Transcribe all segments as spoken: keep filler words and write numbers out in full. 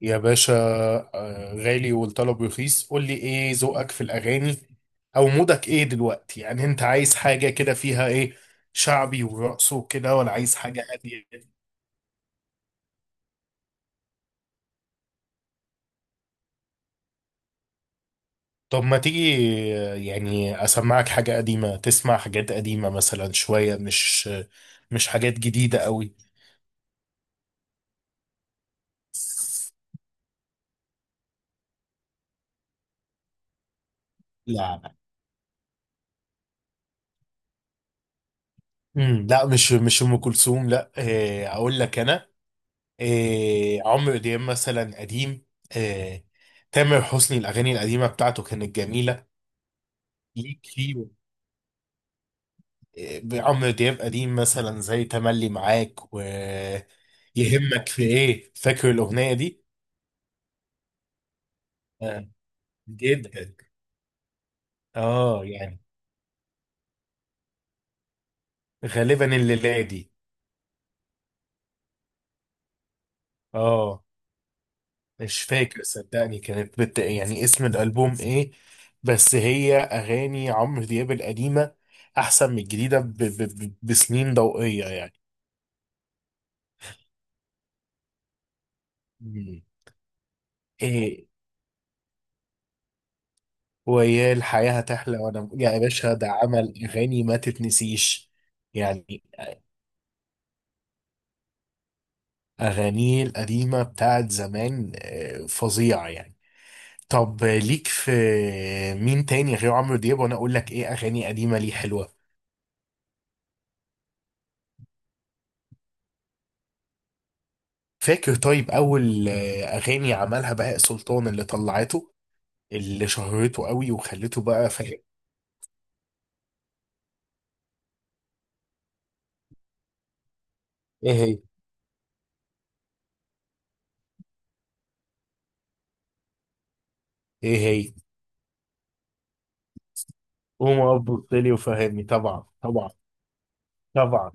يا باشا. آه، غالي والطلب رخيص، قول لي ايه ذوقك في الاغاني؟ او مودك ايه دلوقتي؟ يعني انت عايز حاجه كده فيها ايه، شعبي ورقص وكده، ولا عايز حاجه هاديه؟ طب ما تيجي آه، يعني اسمعك حاجه قديمه، تسمع حاجات قديمه مثلا، شويه مش مش حاجات جديده قوي. لا، امم لا، مش مش ام كلثوم، لا. آه، اقول لك انا إيه، عمرو دياب مثلا قديم، إيه، تامر حسني الأغاني القديمة بتاعته كانت جميلة. ليك فيه إيه؟ عمرو دياب قديم مثلا زي تملي معاك ويهمك في إيه، فاكر الأغنية دي؟ آه. جدا. آه يعني غالبا الليلة دي. آه. مش فاكر صدقني، كانت بت... يعني اسم الألبوم إيه؟ بس هي أغاني عمرو دياب القديمة أحسن من الجديدة ب... ب... ب- بسنين ضوئية. يعني ايه؟ ويا الحياة، هتحلى، وانا يا باشا ده عمل اغاني ما تتنسيش. يعني اغانيه القديمة بتاعت زمان آه، فظيعة يعني. طب ليك في مين تاني غير عمرو دياب وانا اقول لك ايه اغاني قديمة ليه حلوة؟ فاكر طيب اول آه، اغاني عملها بهاء سلطان اللي طلعته اللي شهرته قوي وخلته بقى فاهم؟ ايه هي؟ ايه هي؟ قوم ابو لي وفهمني، طبعا طبعا طبعا.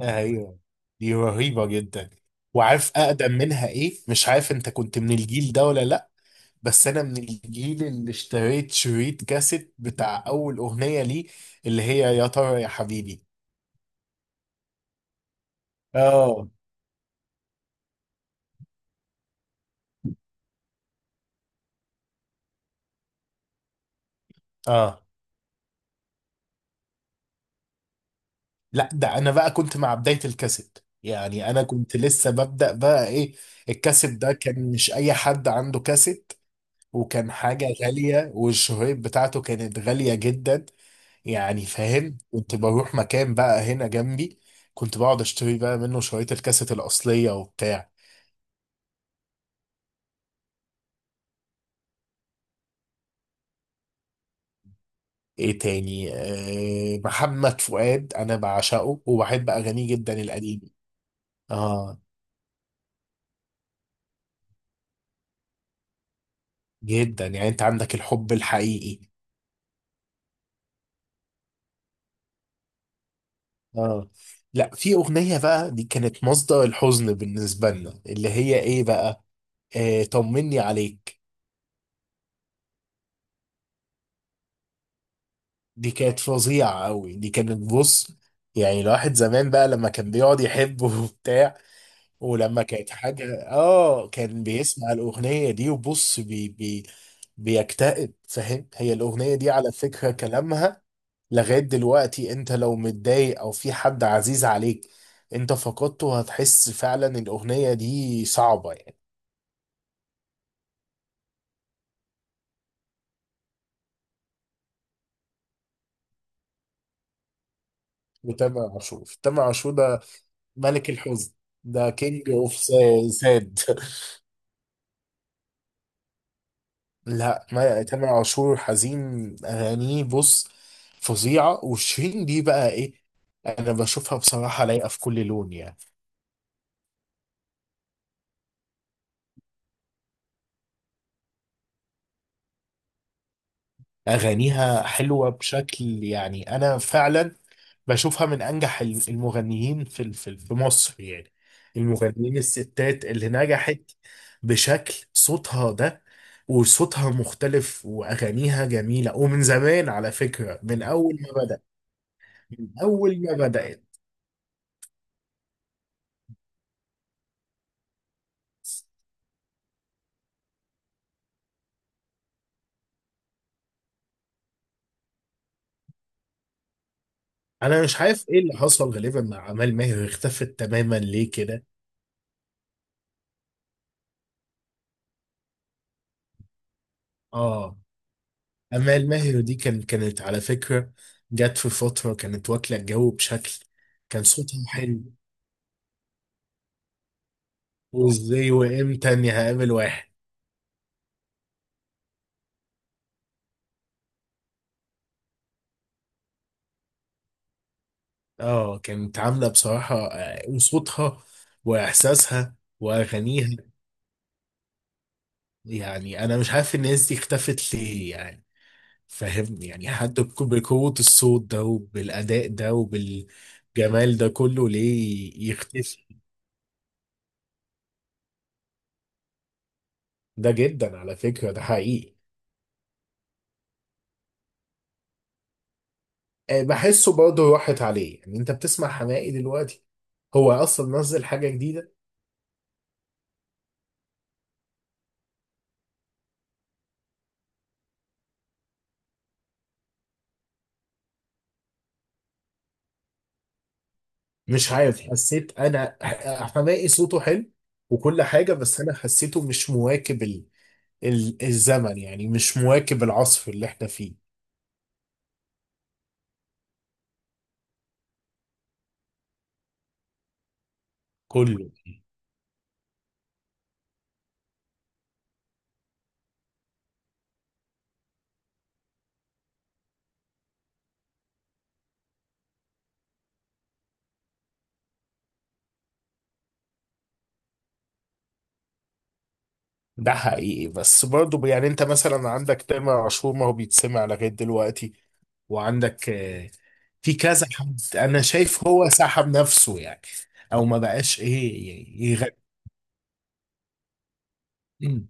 ايوه، دي رهيبه جدا. وعارف اقدم منها ايه؟ مش عارف انت كنت من الجيل ده ولا لا، بس انا من الجيل اللي اشتريت شريط كاسيت بتاع اول اغنيه ليه، اللي هي يا ترى يا حبيبي. اه اه. لا ده انا بقى كنت مع بدايه الكاسيت، يعني انا كنت لسه ببدأ بقى ايه. الكاسيت ده كان مش اي حد عنده كاسيت، وكان حاجة غالية، والشهيب بتاعته كانت غالية جدا. يعني فاهم، كنت بروح مكان بقى هنا جنبي، كنت بقعد اشتري بقى منه شرايط الكاسيت الأصلية وبتاع. ايه تاني؟ آه، محمد فؤاد انا بعشقه وبحب اغانيه جدا القديمة. اه، جدا يعني، انت عندك الحب الحقيقي. اه. لا، في اغنية بقى دي كانت مصدر الحزن بالنسبة لنا، اللي هي ايه بقى، آه، طمني عليك. دي كانت فظيعة أوي، دي كانت بص، يعني الواحد زمان بقى لما كان بيقعد يحب وبتاع، ولما كانت حاجة اه كان بيسمع الأغنية دي، وبص بي بي بيكتئب فاهم. هي الأغنية دي على فكرة كلامها لغاية دلوقتي، انت لو متضايق او في حد عزيز عليك انت فقدته، هتحس فعلا الأغنية دي صعبة يعني. وتامر عاشور تامر عاشور ده ملك الحزن. ده كينج اوف ساد لا ما تامر عاشور حزين اغانيه، بص فظيعه. وشيرين دي بقى ايه، انا بشوفها بصراحه لايقه في كل لون يعني. اغانيها حلوه بشكل، يعني انا فعلا بشوفها من انجح ال- المغنيين في ال- في في مصر يعني. المغنيين الستات اللي نجحت بشكل صوتها ده. وصوتها مختلف واغانيها جميله، ومن زمان على فكره، من اول ما بدأ، من اول ما بدأت. انا مش عارف ايه اللي حصل غالبا مع امال ماهر، اختفت تماما ليه كده. اه امال ماهر دي كان كانت على فكره جت في فتره كانت واكله الجو بشكل، كان صوتها حلو. وازاي وامتى اني هقابل واحد. اه كانت عامله بصراحه آه، وصوتها واحساسها واغانيها. يعني انا مش عارف الناس دي اختفت ليه يعني، فاهمني؟ يعني حد بك- بقوه الصوت ده وبالاداء ده وبال جمال ده كله ليه يختفي؟ ده جدا على فكرة ده حقيقي. آه، بحسه برضه راحت عليه، يعني انت بتسمع حماقي دلوقتي؟ هو اصلا نزل حاجة جديدة؟ مش عارف، حسيت انا ح- حماقي صوته حلو وكل حاجة، بس انا حسيته مش مواكب ال... ال... الزمن، يعني مش مواكب العصر اللي احنا فيه كله. ده حقيقي، بس برضه يعني انت مثلا عندك تامر عاشور ما هو بيتسمع لغاية دلوقتي. وعندك في كذا حد انا شايف هو سحب نفسه يعني، او ما بقاش ايه يغني. مم.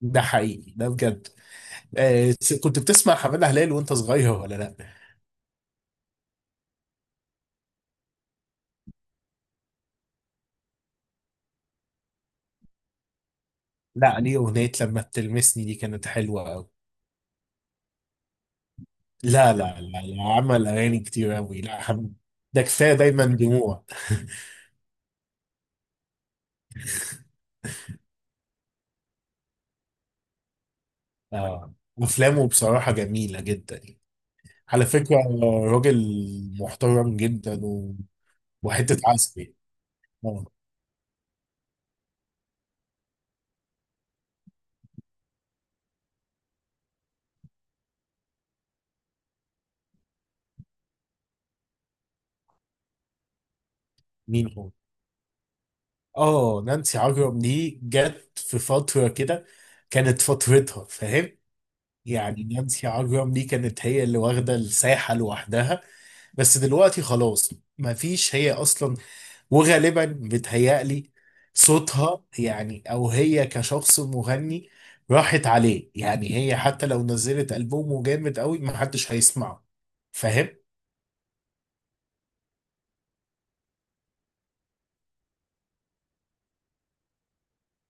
ده حقيقي ده بجد. آه كنت بتسمع حماده هلال وانت صغير ولا لا؟ لا ليه اغنيه لما بتلمسني دي كانت حلوه قوي. لا لا لا لا عمل اغاني كتير قوي، لا حم... ده كفايه دايما دموع. آه افلامه بصراحه جميله جدا يعني. على فكره، راجل محترم جدا، و... وحته عسل. آه. مين هو؟ اه نانسي عجرم دي جت في فترة كده كانت فترتها فاهم، يعني نانسي عجرم دي كانت هي اللي واخدة الساحة لوحدها، بس دلوقتي خلاص مفيش هي أصلا. وغالبا بتهيألي صوتها يعني، أو هي كشخص مغني راحت عليه، يعني هي حتى لو نزلت ألبوم جامد قوي محدش هيسمعه، فاهم؟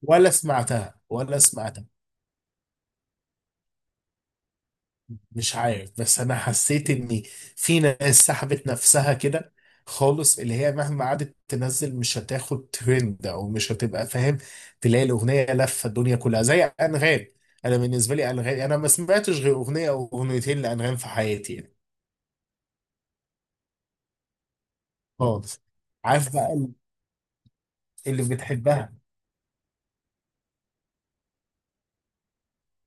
ولا سمعتها ولا سمعتها. مش عارف بس انا حسيت ان في ناس سحبت نفسها كده خالص، اللي هي مهما قعدت تنزل مش هتاخد ترند او مش هتبقى فاهم. تلاقي الاغنيه لفه الدنيا كلها زي انغام. انا بالنسبه لي انغام انا ما سمعتش غير اغنيه او اغنيتين لانغام في حياتي يعني، خالص. عارف بقى ال- اللي بتحبها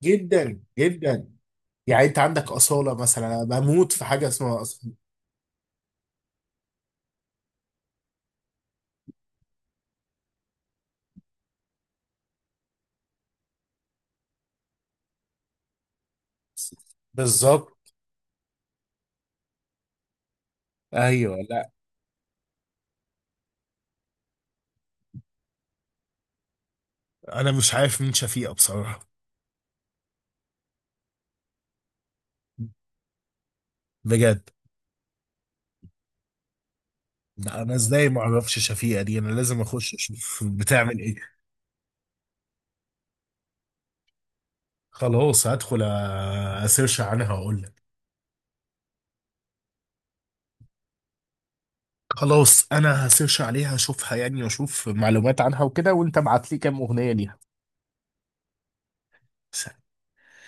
جدا جدا؟ يعني انت عندك اصاله مثلا، انا بموت في حاجه اسمها اصاله. بالظبط. ايوه لا، انا مش عارف مين شفيقه بصراحه. بجد، ده انا ازاي ما اعرفش شفيقة دي، انا لازم اخش اشوف بتعمل ايه. خلاص هدخل أ- اسيرش عنها واقول لك. خلاص انا هسيرش عليها اشوفها يعني واشوف معلومات عنها وكده، وانت ابعت لي كام اغنية ليها.